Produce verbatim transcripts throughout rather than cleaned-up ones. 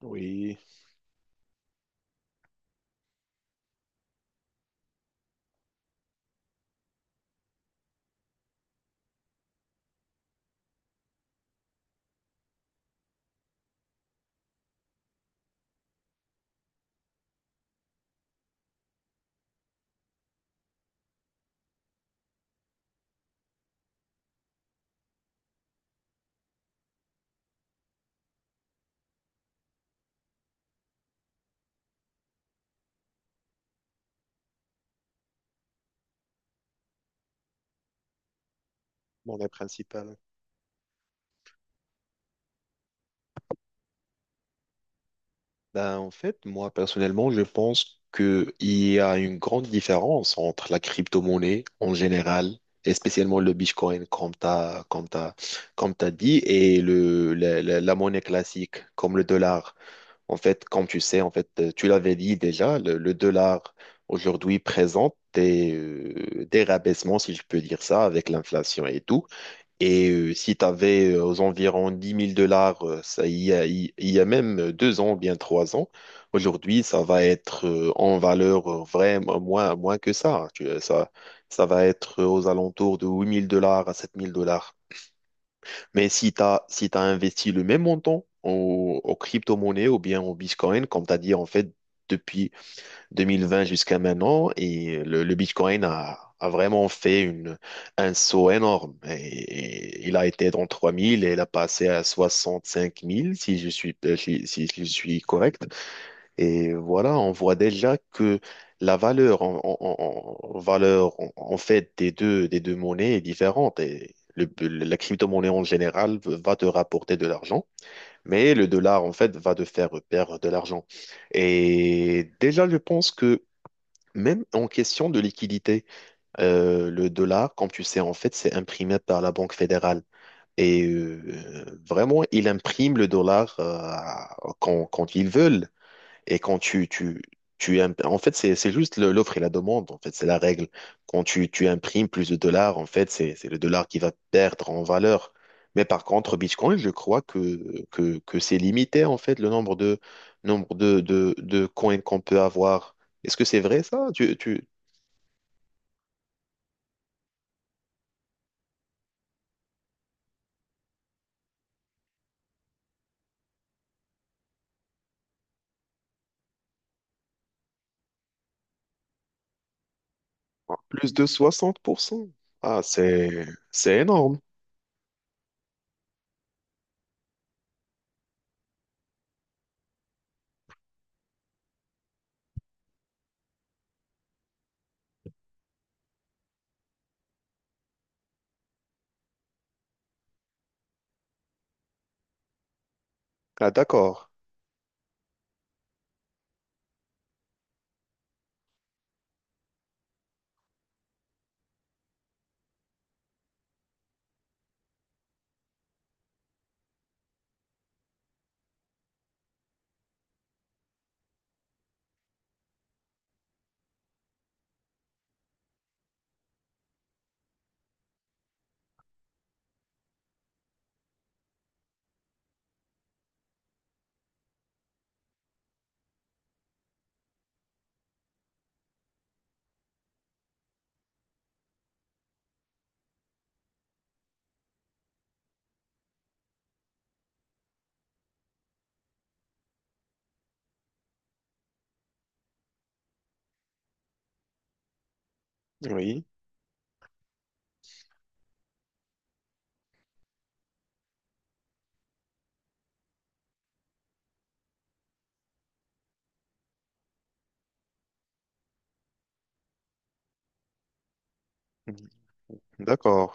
Oui, mon aide principale. Ben, en fait, moi, personnellement, je pense qu'il y a une grande différence entre la crypto-monnaie en général, et spécialement le Bitcoin, comme tu as, comme t'as- comme t'as dit, et le, la, la- la monnaie classique, comme le dollar. En fait, comme tu sais, en fait, euh, tu l'avais dit déjà, le, le dollar aujourd'hui présente des, euh, des rabaissements, si je peux dire ça, avec l'inflation et tout. Et euh, si tu avais aux environs dix mille dollars, euh, ça y a, il y a même euh, deux ans ou bien trois ans, aujourd'hui, ça va être euh, en valeur euh, vraiment moins, moins que ça. Hein. Tu vois, ça, ça va être euh, aux alentours de huit mille dollars à sept mille dollars. Mais si tu as, si tu investi le même montant au, aux crypto-monnaies ou bien au Bitcoin, comme tu as dit, en fait, depuis deux mille vingt jusqu'à maintenant et le, le Bitcoin a, a vraiment fait une, un saut énorme. Et, et il a été dans trois mille et il a passé à soixante-cinq mille si je suis, euh, si, si je suis correct. Et voilà, on voit déjà que la valeur en, en- en- en valeur en, en fait des deux, des deux monnaies est différente. Et le- la crypto-monnaie en général va te rapporter de l'argent. Mais le dollar, en fait, va te faire perdre de l'argent. Et déjà, je pense que même en question de liquidité, euh, le dollar, comme tu sais, en fait, c'est imprimé par la Banque fédérale. Et euh, vraiment, ils impriment le dollar euh, quand, quand ils veulent. Et quand tu, tu, tu imp- En fait, c'est c'est juste le- l'offre et la demande, en fait, c'est la règle. Quand tu, tu imprimes plus de dollars, en fait, c'est c'est le dollar qui va perdre en valeur. Mais par contre, Bitcoin, je crois que, que, que c'est limité, en fait, le nombre de, nombre de, de, de coins qu'on peut avoir. Est-ce que c'est vrai ça? Tu, tu, Plus de soixante pour cent. Ah, c'est c'est énorme. Ah, d'accord. Oui, d'accord.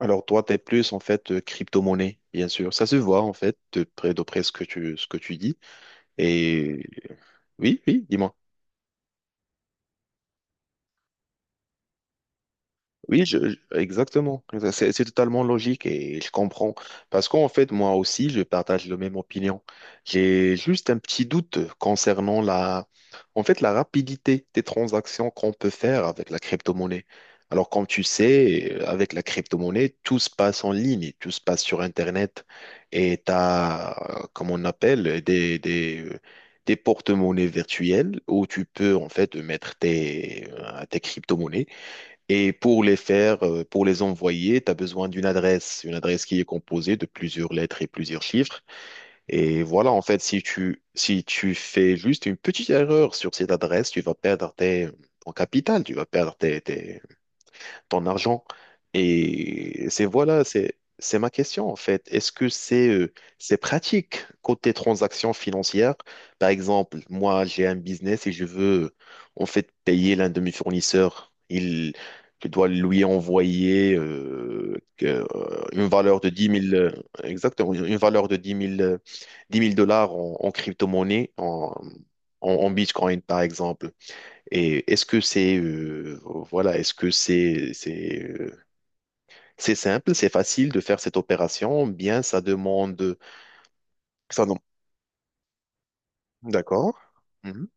Alors toi, t'es plus en fait euh, crypto-monnaie, bien sûr. Ça se voit en fait de près de près ce que tu ce que tu dis. Et oui, oui, dis-moi. Oui, je, je- exactement. C'est c'est totalement logique et je comprends. Parce qu'en fait, moi aussi, je partage le même opinion. J'ai juste un petit doute concernant la, en fait, la rapidité des transactions qu'on peut faire avec la crypto-monnaie. Alors, comme tu sais, euh, avec la crypto-monnaie, tout se passe en ligne, tout se passe sur Internet. Et tu as, euh, comme on appelle, des, des, euh, des porte-monnaies virtuelles où tu peux, en fait, mettre tes, euh, tes crypto-monnaies. Et pour les faire, euh, pour les envoyer, tu as besoin d'une adresse, une adresse qui est composée de plusieurs lettres et plusieurs chiffres. Et voilà, en fait, si tu, si tu fais juste une petite erreur sur cette adresse, tu vas perdre tes, ton capital, tu vas perdre tes, tes- ton argent. Et c'est voilà, c'est c'est ma question en fait. Est-ce que c'est euh, c'est pratique côté transactions financières? Par exemple, moi j'ai un business et je veux en fait payer l'un de mes fournisseurs. Il Je dois lui envoyer euh, que- euh, une valeur de dix mille euh, exactement, une une valeur de dix mille euh, dix mille dollars en, en crypto-monnaie, en, en, en Bitcoin par exemple. Et est-ce que c'est euh, voilà, est-ce que c'est c'est euh, c'est simple, c'est facile de faire cette opération, bien ça demande ça non. D'accord. Mhm.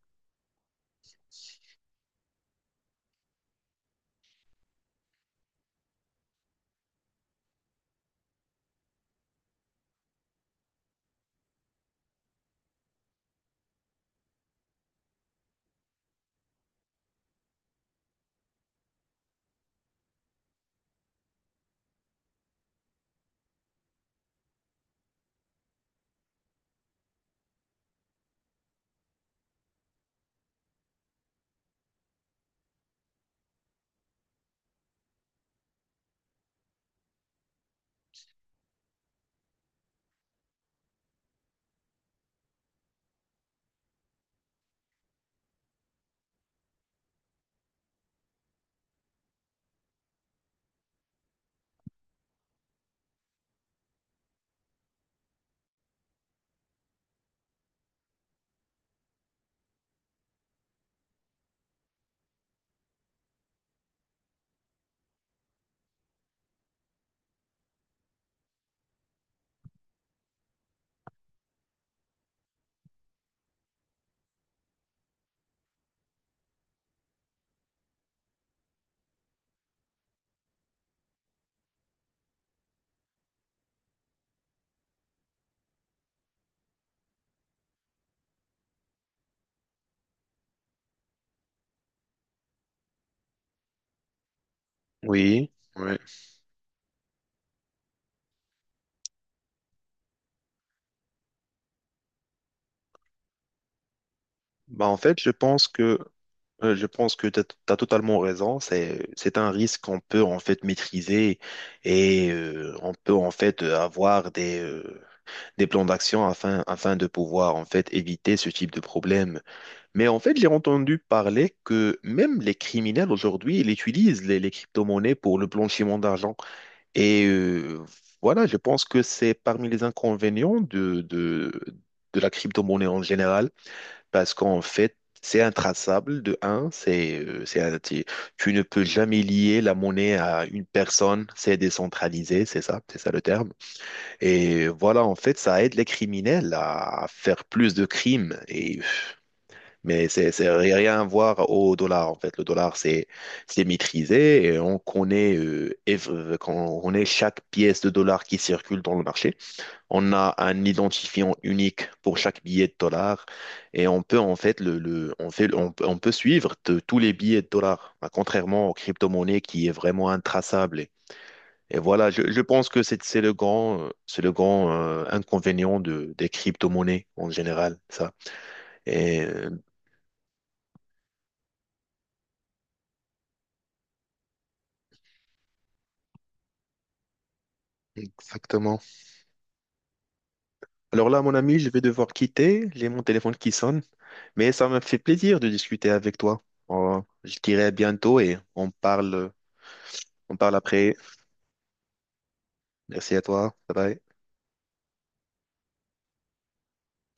Oui. Ouais. Bah en fait, je pense que euh, je pense que tu as totalement raison, c'est c'est un risque qu'on peut en fait maîtriser et euh, on peut en fait euh, avoir des euh, des plans d'action afin afin de pouvoir en fait éviter ce type de problème. Mais en fait, j'ai entendu parler que même les criminels aujourd'hui, ils utilisent les, les crypto-monnaies pour le blanchiment d'argent. Et euh, voilà, je pense que c'est parmi les inconvénients de, de, de la crypto-monnaie en général, parce qu'en fait, c'est intraçable de un, c'est, euh, c'est un- tu tu ne peux jamais lier la monnaie à une personne, c'est décentralisé, c'est ça, c'est ça le terme. Et voilà, en fait, ça aide les criminels à faire plus de crimes et mais c'est c'est rien à voir au dollar, en fait. Le dollar, c'est c'est maîtrisé et on connaît, euh, ev- euh, quand on connaît chaque pièce de dollar qui circule dans le marché. On a un identifiant unique pour chaque billet de dollar et on peut, en fait, le, le- on fait, on, peut on peut suivre t- tous les billets de dollar, ah, contrairement aux crypto-monnaies qui est vraiment intraçable. Et et voilà, je, je pense que c'est c'est le grand, euh, c'est le grand euh, inconvénient de, des crypto-monnaies en général, ça. Et, euh, Exactement. Alors là, mon ami, je vais devoir quitter. J'ai mon téléphone qui sonne, mais ça m'a fait plaisir de discuter avec toi. Oh, je dirai à bientôt et on parle, on parle après. Merci à toi. Bye bye.